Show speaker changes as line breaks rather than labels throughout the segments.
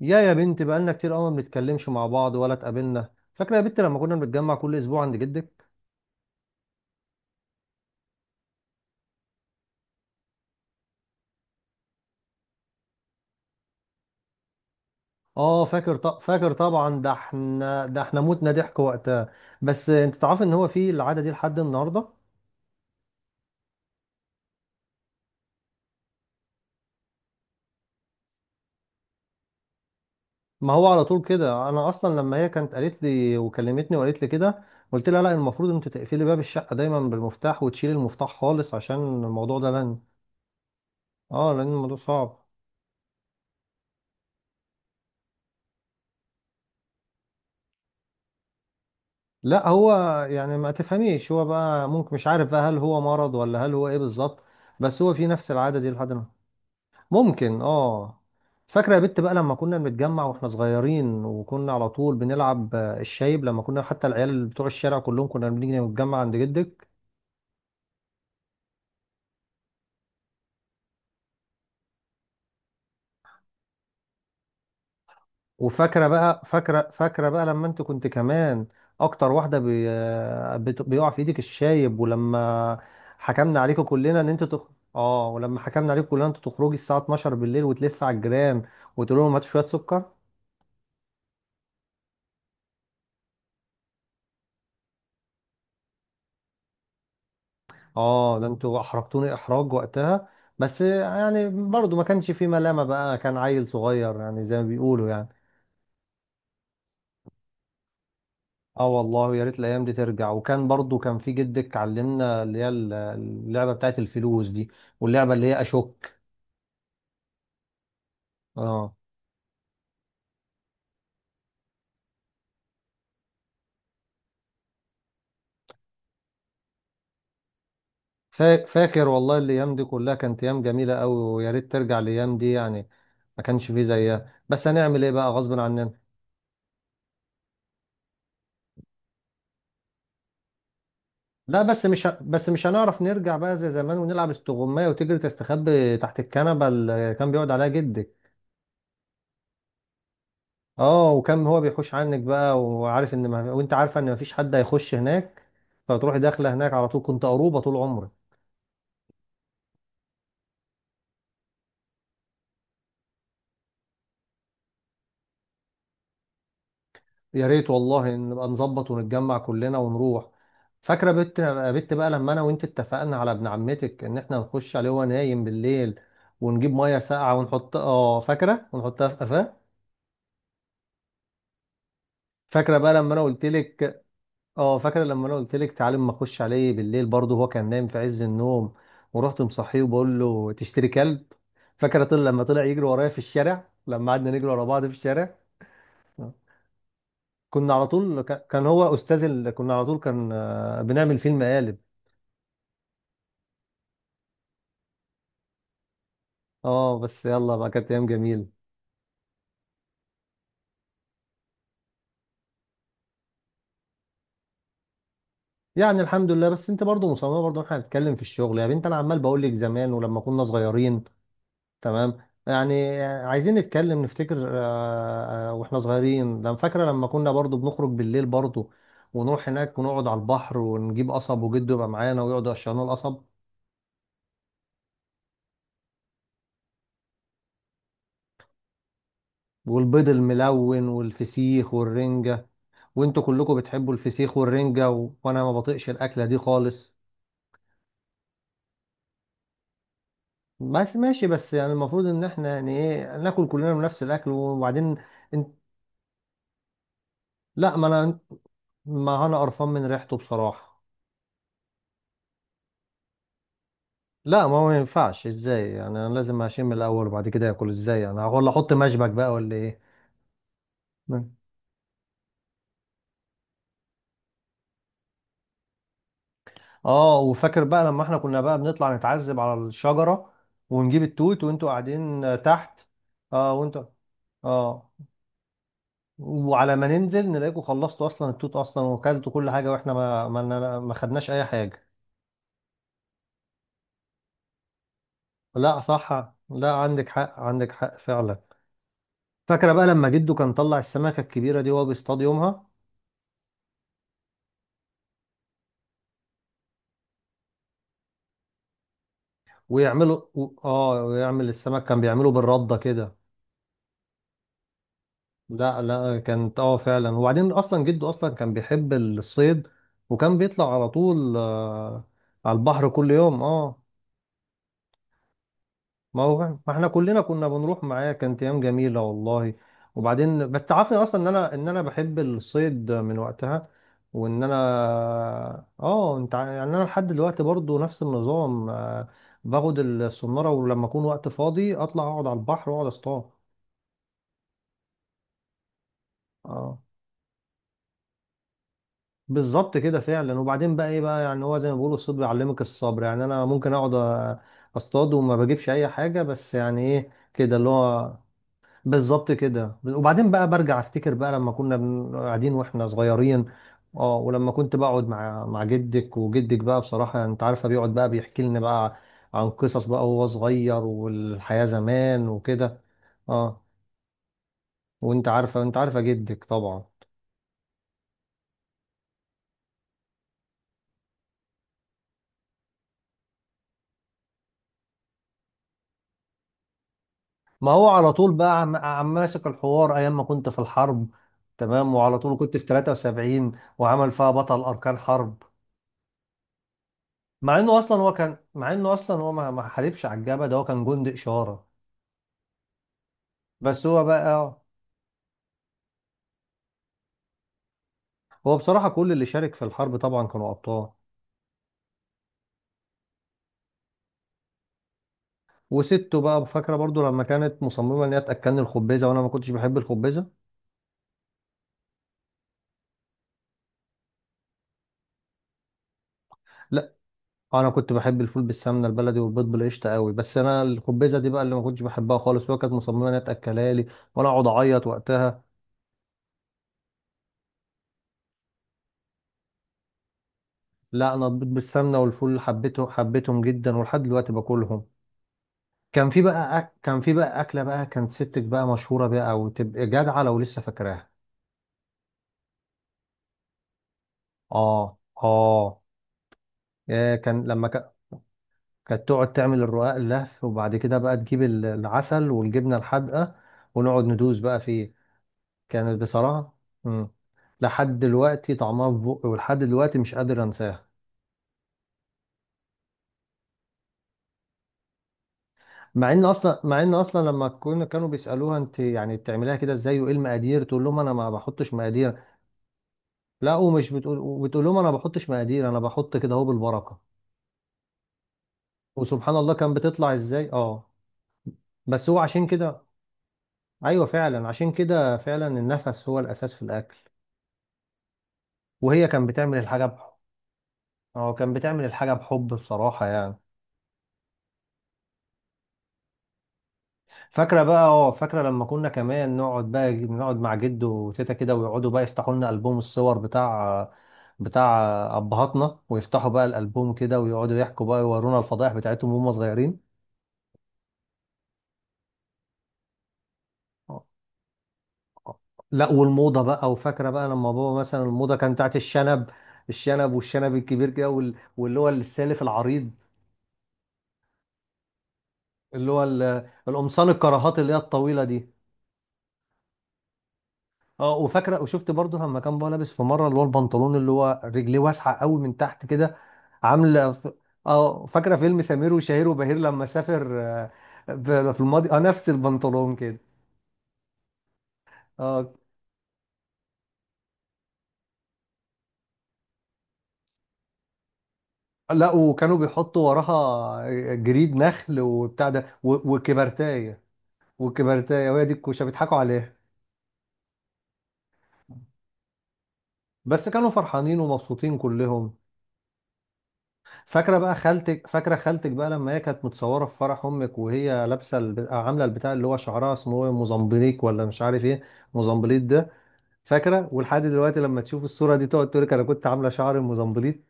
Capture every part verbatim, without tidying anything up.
يا يا بنت، بقالنا كتير قوي ما بنتكلمش مع بعض ولا اتقابلنا. فاكره يا بنت لما كنا بنتجمع كل اسبوع عند جدك. اه فاكر ط... فاكر طبعا، ده احنا ده احنا متنا ضحك وقتها. بس انت تعرف ان هو في العاده دي لحد النهارده. ما هو على طول كده، انا اصلا لما هي كانت قالت لي وكلمتني وقالت لي كده، قلت لها لا، المفروض انت تقفلي باب الشقه دايما بالمفتاح وتشيلي المفتاح خالص عشان الموضوع ده لن. اه، لان الموضوع صعب. لا هو، يعني ما تفهميش، هو بقى ممكن مش عارف بقى هل هو مرض ولا هل هو ايه بالظبط، بس هو في نفس العادة دي لحد ما. ممكن، اه. فاكرة يا بت بقى لما كنا بنتجمع واحنا صغيرين، وكنا على طول بنلعب آه، الشايب، لما كنا، حتى العيال بتوع الشارع كلهم كنا بنيجي نتجمع عند جدك. وفاكره بقى فاكره فاكره بقى لما انت كنت كمان اكتر واحده بي... بت- بيقع في ايدك الشايب، ولما حكمنا عليكم كلنا ان انت تخ... اه، ولما حكمنا عليكم كلنا انت تخرجي الساعه اتناشر بالليل وتلف على الجيران وتقول لهم هاتوا شويه سكر. اه، ده انتوا احرجتوني احراج وقتها، بس يعني برضو ما كانش في ملامه بقى، كان عيل صغير يعني، زي ما بيقولوا يعني. اه والله، يا ريت الايام دي ترجع. وكان برضو كان في جدك علمنا اللي هي اللعبه بتاعت الفلوس دي، واللعبه اللي هي اشك. اه. فا- فاكر والله الايام دي كلها كانت ايام جميله قوي، ويا ريت ترجع الايام دي يعني، ما كانش فيه زيها، بس هنعمل ايه بقى، غصب عننا. لا بس مش ه- بس مش هنعرف نرجع بقى زي زمان ونلعب استغمايه وتجري تستخبي تحت الكنبه اللي كان بيقعد عليها جدك. اه، وكان هو بيخش عنك بقى، وعارف ان ما وانت عارفه ان ما فيش حد هيخش هناك، فتروحي داخله هناك على طول، كنت قروبه طول عمرك. يا ريت والله إن نبقى نظبط ونتجمع كلنا ونروح. فاكره بت بت بقى لما انا وانت اتفقنا على ابن عمتك ان احنا نخش عليه وهو نايم بالليل، ونجيب ميه ساقعه ونحط، اه فاكره، ونحطها في قفاه. فاكره بقى لما انا قلت لك. اه، فاكره لما انا قلت لك تعالى اما اخش عليه بالليل برضه، هو كان نايم في عز النوم، ورحت مصحيه وبقول له تشتري كلب. فاكره طلع، لما طلع يجري ورايا في الشارع، لما قعدنا نجري ورا بعض في الشارع. كنا على طول ك- كان هو استاذ ال... كنا على طول كان، آه، بنعمل فيلم قالب. اه، بس يلا بقى، كانت ايام جميله. يعني الحمد لله، بس انت برضو مصممه برضو احنا هنتكلم في الشغل يا بنت، انا عمال بقول لك زمان ولما كنا صغيرين. تمام. يعني عايزين نتكلم نفتكر، آه، آه، واحنا صغيرين ده. أنا فاكره لما كنا برضو بنخرج بالليل برضو، ونروح هناك ونقعد على البحر، ونجيب قصب وجده يبقى معانا ويقعدوا يقشروا القصب. والبيض الملون والفسيخ والرنجه. وانتوا كلكم بتحبوا الفسيخ والرنجه و... وانا ما بطيقش الاكله دي خالص. بس ماشي، بس يعني المفروض ان احنا يعني ايه، ناكل كلنا من نفس الاكل وبعدين. انت. لا ما انا، ما انا قرفان من ريحته بصراحه. لا ما هو، ما ينفعش ازاي يعني، انا لازم اشم الاول وبعد كده اكل، ازاي انا، ولا احط مشبك بقى، ولا ايه. مم. اه، وفاكر بقى لما احنا كنا بقى بنطلع نتعذب على الشجره، ونجيب التوت وانتوا قاعدين آه، تحت. اه، وانتوا. اه، وعلى ما ننزل نلاقيكم خلصتوا اصلا التوت اصلا، وكلتوا كل حاجه، واحنا ما ما ما خدناش اي حاجه. لا صح، لا عندك حق، عندك حق فعلا. فاكره بقى لما جده كان طلع السمكه الكبيره دي وهو بيصطاد يومها. ويعملوا و- اه ويعمل السمك، كان بيعمله بالرده كده. لا لا، كانت اه فعلا. وبعدين اصلا جده اصلا كان بيحب الصيد، وكان بيطلع على طول، آه، على البحر كل يوم، اه. ما هو، ما احنا كلنا كنا بنروح معاه، كانت ايام جميله والله. وبعدين بس تعرفني اصلا ان انا ان انا بحب الصيد من وقتها، وان انا. اه، انت ع- يعني انا لحد دلوقتي برضو نفس النظام، آه، باخد الصناره، ولما اكون وقت فاضي اطلع اقعد على البحر واقعد اصطاد. اه، بالظبط كده فعلا. وبعدين بقى ايه بقى، يعني هو زي ما بيقولوا الصيد بيعلمك الصبر، يعني انا ممكن اقعد أ- اصطاد وما بجيبش اي حاجه، بس يعني ايه كده اللي هو. بالظبط كده. وبعدين بقى، برجع افتكر بقى لما كنا بن- قاعدين واحنا صغيرين. اه، ولما كنت بقعد مع مع جدك، وجدك بقى بصراحة، يعني انت عارفة، بيقعد بقى بيحكي لنا بقى عن قصص بقى، وهو صغير والحياة زمان وكده. اه، وانت عارفة، انت عارفة جدك طبعا. ما هو على طول بقى عم عم ماسك الحوار ايام ما كنت في الحرب، تمام، وعلى طول كنت في تلاتة وسبعين، وعمل فيها بطل اركان حرب. مع انه اصلا هو كان مع انه اصلا هو ما ما حاربش على الجبهة، ده هو كان جندي اشارة. بس هو بقى، اه، هو بصراحة كل اللي شارك في الحرب طبعا كانوا أبطال. وسته بقى فاكرة برضو لما كانت مصممة إن هي تأكلني الخبيزة، وأنا ما كنتش بحب الخبيزة. لا، أنا كنت بحب الفول بالسمنة البلدي والبيض بالقشطة قوي، بس أنا الخبيزة دي بقى اللي ما كنتش بحبها خالص، وهي كانت مصممة إن هي تأكلها لي، وأنا أقعد أعيط وقتها. لا، أنا البيض بالسمنة والفول حبيته حبيتهم جدا، ولحد دلوقتي باكلهم. كان في بقى أك... كان في بقى أكلة بقى كانت ستك بقى مشهورة بيها، أو تبقى جدعة لو لسه فاكراها. آه آه. آه، كان لما كانت تقعد تعمل الرقاق اللهف، وبعد كده بقى تجيب ال- العسل والجبنة الحادقة، ونقعد ندوس بقى فيه. كانت بصراحة. مم. لحد دلوقتي طعمها في بقي، ولحد دلوقتي مش قادر انساها. مع ان اصلا مع ان اصلا لما كنا، كانوا بيسالوها انت يعني بتعمليها كده ازاي وايه المقادير، تقول لهم انا ما بحطش مقادير. لا، ومش بتقول وبتقول لهم انا ما بحطش مقادير، انا بحط كده اهو بالبركه. وسبحان الله، كان بتطلع ازاي، اه. بس هو عشان كده، ايوه فعلا، عشان كده فعلا النفس هو الاساس في الاكل. وهي كانت بتعمل الحاجة بحب. هو كان بتعمل الحاجة بحب، بصراحة يعني. فاكرة بقى اه فاكرة لما كنا كمان نقعد بقى نقعد مع جد وتيتا كده، ويقعدوا بقى يفتحوا لنا ألبوم الصور بتاع بتاع أبهاتنا، ويفتحوا بقى الألبوم كده، ويقعدوا يحكوا بقى يورونا الفضايح بتاعتهم وهم صغيرين. لا، والموضة بقى. وفاكرة بقى لما بابا مثلا، الموضة كانت بتاعت الشنب. الشنب والشنب الكبير كده، وال- واللي هو السالف العريض، اللي هو ال- القمصان الكراهات اللي هي الطويلة دي. اه، وفاكره، وشفت برضه لما كان بقى لابس في مره، اللي هو البنطلون اللي هو رجليه واسعه قوي من تحت كده، عامله ف- اه، فاكره فيلم سمير وشهير وبهير لما سافر، آه، ب- في الماضي، اه، نفس البنطلون كده. اه. لا، وكانوا بيحطوا وراها، آه، جريد نخل وبتاع ده، و- وكبرتايه وكبرتايه، وهي دي الكوشه، بيضحكوا عليها. بس كانوا فرحانين ومبسوطين كلهم. فاكره بقى خالتك فاكره خالتك بقى لما هي كانت متصوره في فرح امك، وهي لابسه الب... آه، عامله البتاع، اللي هو شعرها اسمه ايه، موزمبليك، ولا مش عارف ايه، موزمبليت ده. فاكره، ولحد دلوقتي لما تشوف الصوره دي تقعد تقول لك انا كنت عامله شعري موزمبليت.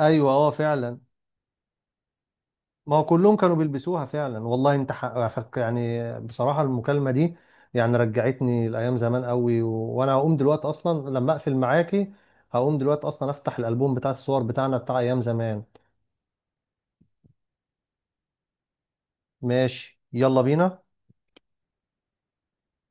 ايوه، اه فعلا. ما هو كلهم كانوا بيلبسوها فعلا والله. انت حق... فك- يعني بصراحه المكالمه دي يعني رجعتني لايام زمان قوي و... وانا هقوم دلوقتي اصلا لما اقفل معاكي، هقوم دلوقتي اصلا افتح الالبوم بتاع الصور بتاعنا بتاع ايام زمان. ماشي، يلا بينا.